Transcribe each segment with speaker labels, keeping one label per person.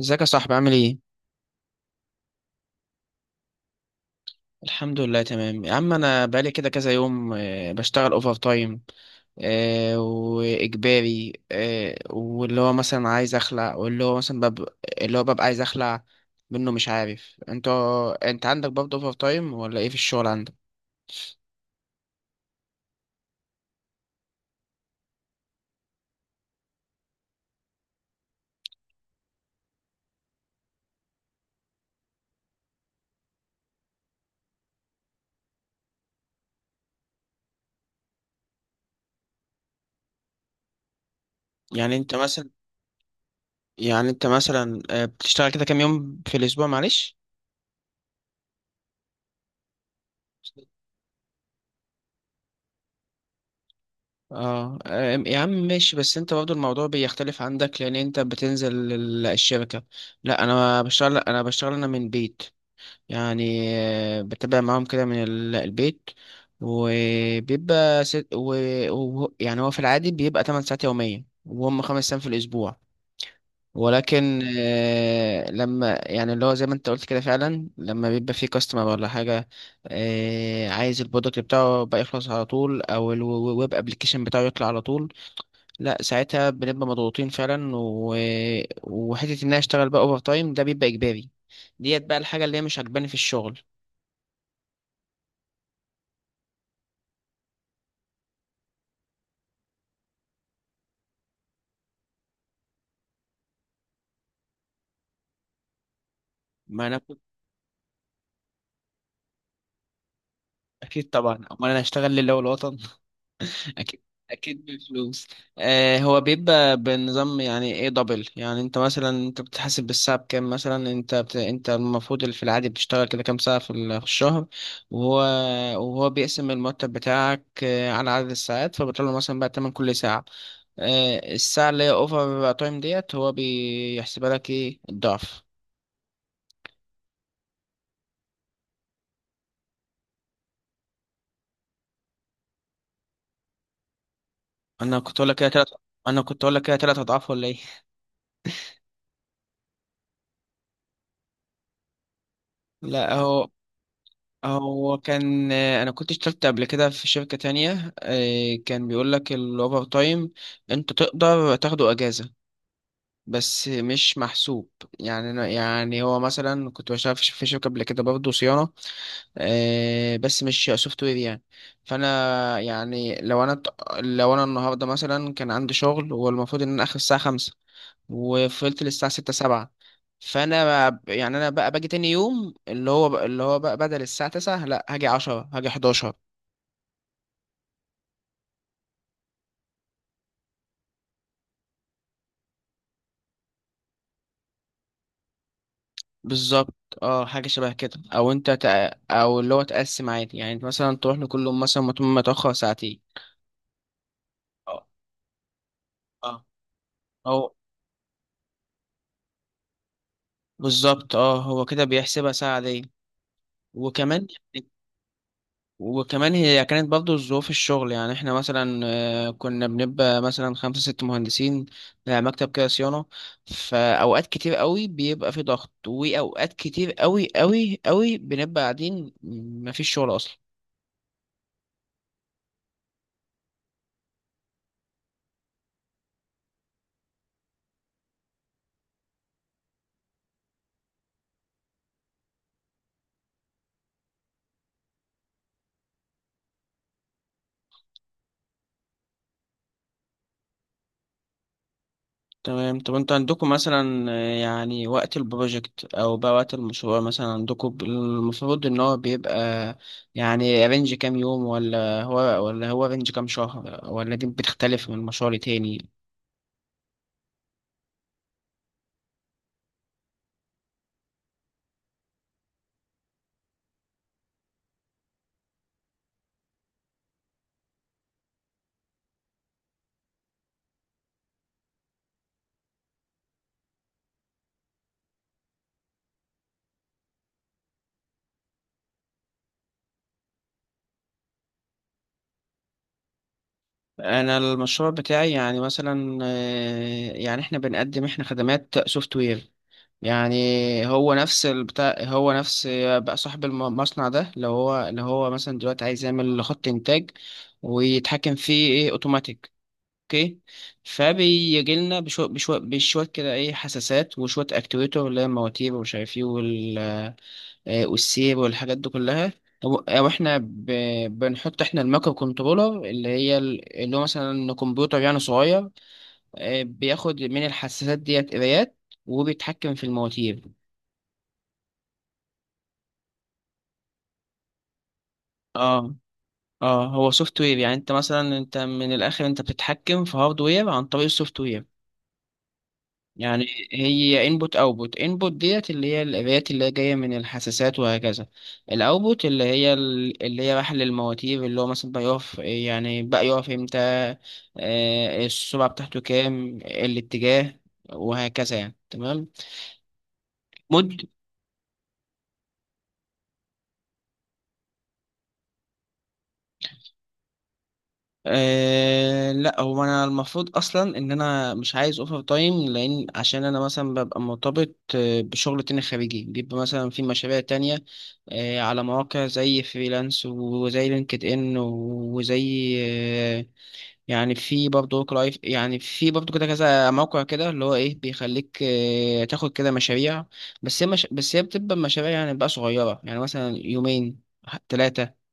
Speaker 1: ازيك يا صاحبي، عامل ايه؟ الحمد لله، تمام يا عم. انا بقالي كده كذا يوم بشتغل اوفر تايم واجباري. واللي هو مثلا عايز اخلع، واللي هو مثلا بب... اللي هو ببقى عايز اخلع منه. مش عارف انت، انت عندك برضه اوفر تايم ولا ايه في الشغل عندك؟ يعني انت مثلا يعني انت مثلا بتشتغل كده كام يوم في الاسبوع، معلش؟ اه. يا عم ماشي، بس انت برضه الموضوع بيختلف عندك، لان انت بتنزل الشركة. لا انا بشتغل انا من البيت. يعني بتابع معاهم كده من البيت. وبيبقى ست و... يعني هو في العادي بيبقى 8 ساعات يوميا، وهم خمس ايام في الاسبوع. ولكن لما يعني اللي هو زي ما انت قلت كده فعلا، لما بيبقى في كاستمر ولا حاجة عايز البرودكت بتاعه بقى يخلص على طول، او الويب ابلكيشن بتاعه يطلع على طول، لا ساعتها بنبقى مضغوطين فعلا. وحته ان انا اشتغل بقى اوفر تايم ده بيبقى اجباري. ديت بقى الحاجه اللي هي مش عجباني في الشغل. ما انا كنت اكيد طبعا، امال انا اشتغل لله والوطن. اكيد. اكيد بفلوس. آه، هو بيبقى بنظام يعني ايه، دبل. يعني انت مثلا، انت بتحاسب بالساعه بكام؟ مثلا انت المفروض اللي في العادي بتشتغل كده كام ساعه في الشهر، وهو وهو بيقسم المرتب بتاعك على عدد الساعات، فبيطلع له مثلا بقى تمن كل ساعه. آه، الساعه اللي هي اوفر تايم ديت هو بيحسبها لك ايه، الضعف؟ انا كنت اقول لك كده تلات انا كنت اقول لك كده تلات اضعاف ولا ايه؟ لا هو هو كان انا كنت اشتغلت قبل كده في شركة تانية، كان بيقول لك الاوفر تايم انت تقدر تاخده اجازة، بس مش محسوب. يعني يعني هو مثلا كنت بشتغل في شركة قبل كده، برضه صيانة، بس مش سوفت وير يعني. فانا يعني لو انا النهارده مثلا كان عندي شغل، والمفروض ان انا اخر الساعة خمسة، وفضلت للساعة ستة سبعة، يعني انا بقى باجي تاني يوم اللي هو بقى بدل الساعه 9، لا هاجي 10، هاجي 11. بالظبط. اه، حاجه شبه كده، او اللي هو تقسم عادي. يعني انت مثلا تروح لكل يوم مثلا متاخر ساعتين. اه. اه. او بالظبط، اه هو كده بيحسبها ساعه دي. وكمان وكمان هي كانت برضه ظروف الشغل. يعني احنا مثلا كنا بنبقى مثلا خمسة ست مهندسين، مكتب كده صيانة. فأوقات كتير قوي بيبقى في ضغط، وأوقات كتير قوي قوي قوي بنبقى قاعدين، مفيش شغل أصلا. تمام. طب انتوا عندكم مثلا يعني وقت البروجكت أو بقى وقت المشروع، مثلا عندكم المفروض إن هو بيبقى يعني رينج كام يوم، ولا هو رينج كام شهر، ولا دي بتختلف من مشروع لتاني؟ انا المشروع بتاعي يعني مثلا يعني احنا بنقدم احنا خدمات سوفت وير، يعني. هو نفس. بقى صاحب المصنع ده لو هو مثلا دلوقتي عايز يعمل خط انتاج ويتحكم فيه ايه، اوتوماتيك. اوكي. فبيجي لنا بشوية بشوية بشوية كده، ايه، حساسات وشوية اكتويتر اللي هي المواتير ومش عارف ايه، والسير والحاجات دي كلها. أو إحنا بنحط إحنا المايكرو كنترولر اللي هي اللي هو مثلا كمبيوتر يعني صغير، بياخد من الحساسات ديت قرايات، وبيتحكم في المواتير. اه. اه هو سوفت وير. يعني انت مثلا، انت من الاخر انت بتتحكم في هاردوير عن طريق السوفت وير يعني. هي انبوت اوتبوت. انبوت ديت اللي هي القراءات اللي هي جايه من الحساسات، وهكذا. الاوتبوت اللي هي اللي هي بحل المواتير، اللي هو مثلا بقى يقف، يعني بقى يقف امتى، السرعه بتاعته كام، الاتجاه، وهكذا يعني. تمام. مد أه لا، هو انا المفروض اصلا ان انا مش عايز اوفر تايم، لان عشان انا مثلا ببقى مرتبط بشغل تاني خارجي، بيبقى مثلا في مشاريع تانية. أه، على مواقع زي فريلانس وزي لينكد ان، وزي يعني في برضه ورك لايف. يعني في برضه كده كذا موقع كده، اللي هو ايه، بيخليك تاخد كده مشاريع. بس هي مش بس هي بتبقى مشاريع يعني بقى صغيرة، يعني مثلا يومين ثلاثة.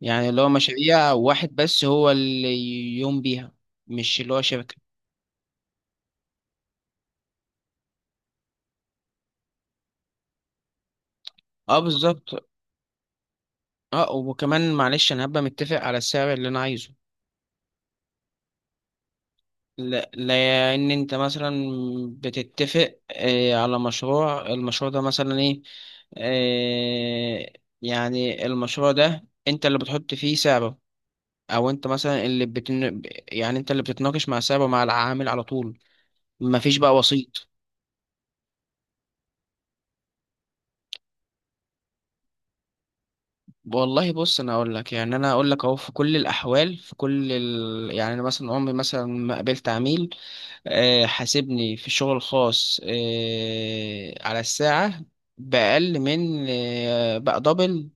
Speaker 1: يعني اللي هو مشاريع واحد بس هو اللي يقوم بيها، مش اللي هو شركة. اه بالظبط. اه وكمان معلش انا هبقى متفق على السعر اللي انا عايزه. لا لان انت مثلا بتتفق على مشروع. المشروع ده مثلا ايه آه، يعني المشروع ده انت اللي بتحط فيه سعره، او انت مثلا اللي بتن... يعني انت اللي بتتناقش مع سعره، مع العامل على طول، مفيش بقى وسيط. والله بص، انا اقول لك، يعني انا اقول لك اهو في كل الاحوال، يعني انا مثلا عمري مثلا ما قابلت عميل حاسبني في الشغل الخاص على الساعه باقل من بقى دبل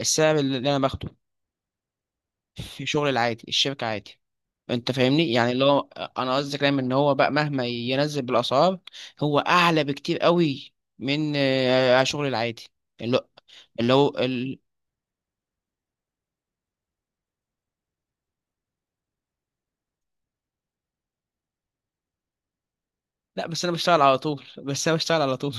Speaker 1: السعر اللي انا باخده في شغل العادي الشركه عادي. انت فاهمني يعني اللي هو، انا قصدي كلام ان هو بقى مهما ينزل بالاسعار، هو اعلى بكتير قوي من شغل العادي اللي هو اللي هو لا، بس انا بشتغل على طول.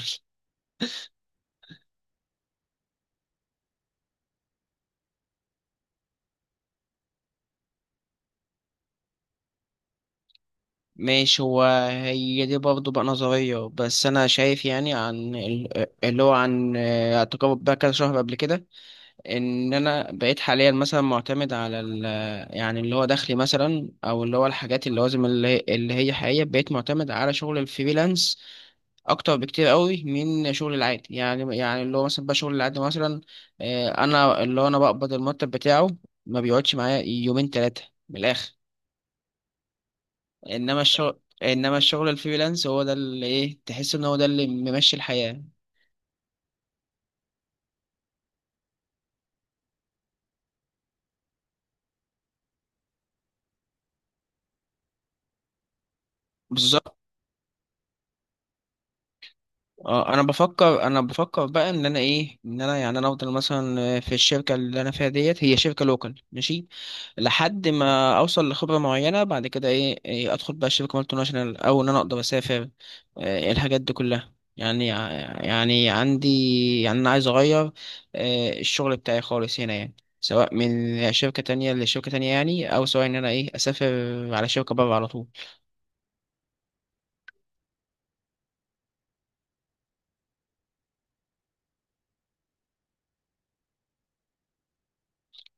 Speaker 1: ماشي هو هي دي برضه بقى نظرية، بس أنا شايف، يعني عن اللي هو عن تجارب بقى كذا شهر قبل كده، إن أنا بقيت حاليا مثلا معتمد على ال، يعني اللي هو دخلي مثلا، أو اللي هو الحاجات اللوازم اللي هي حقيقية، بقيت معتمد على شغل الفريلانس أكتر بكتير قوي من شغل العادي. يعني اللي هو مثلا بقى شغل العادي مثلا، أنا اللي هو أنا بقبض المرتب بتاعه، ما بيقعدش معايا يومين تلاتة من الآخر. انما الشغل الفريلانس هو ده اللي ايه، تحس ان هو ده اللي ممشي الحياة. بالظبط. اه انا بفكر بقى ان انا ايه، ان انا يعني انا افضل مثلا في الشركة اللي انا فيها ديت، هي شركة لوكال، ماشي، لحد ما اوصل لخبره معينه. بعد كده ايه, ادخل بقى شركه مالتي ناشونال، او ان انا اقدر اسافر، إيه، الحاجات دي كلها يعني. يعني عندي، يعني انا عايز اغير، إيه، الشغل بتاعي خالص هنا يعني، سواء من شركه تانية لشركه تانية يعني، او سواء ان انا ايه، اسافر على شركه بره على طول.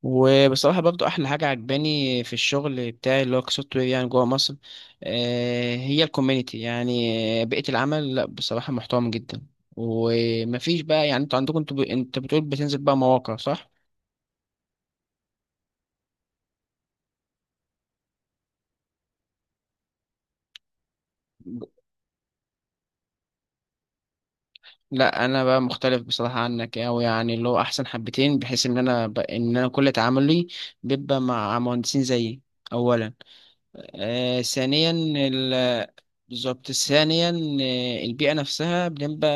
Speaker 1: وبصراحة برضو أحلى حاجة عجباني في الشغل بتاعي اللي هو كسوفت وير، يعني جوه مصر، هي الكوميونيتي، يعني بيئة العمل، لا بصراحة محترم جدا. ومفيش بقى يعني، انتوا عندكم، انت بتقول بتنزل بقى مواقع، صح؟ لا انا بقى مختلف بصراحه عنك اوي، يعني اللي هو احسن حبتين، بحيث ان ان انا كل تعاملي بيبقى مع مهندسين زيي اولا. آه، ثانيا بالظبط، ثانيا البيئة نفسها بنبقى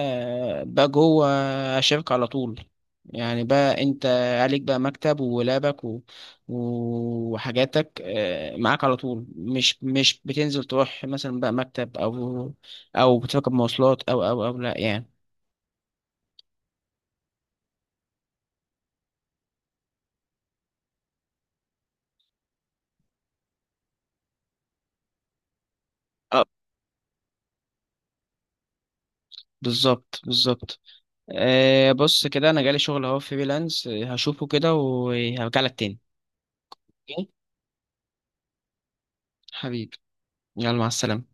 Speaker 1: بقى جوه شركة على طول. يعني بقى انت عليك بقى مكتب ولابك وحاجاتك معاك على طول، مش بتنزل تروح مثلا بقى مكتب، او او بتركب مواصلات، او لا يعني. اه بالظبط، بالظبط. بص كده، انا جالي شغل اهو فريلانس، هشوفه كده وهرجع لك تاني. أوكي؟ حبيبي، يلا، مع السلامة.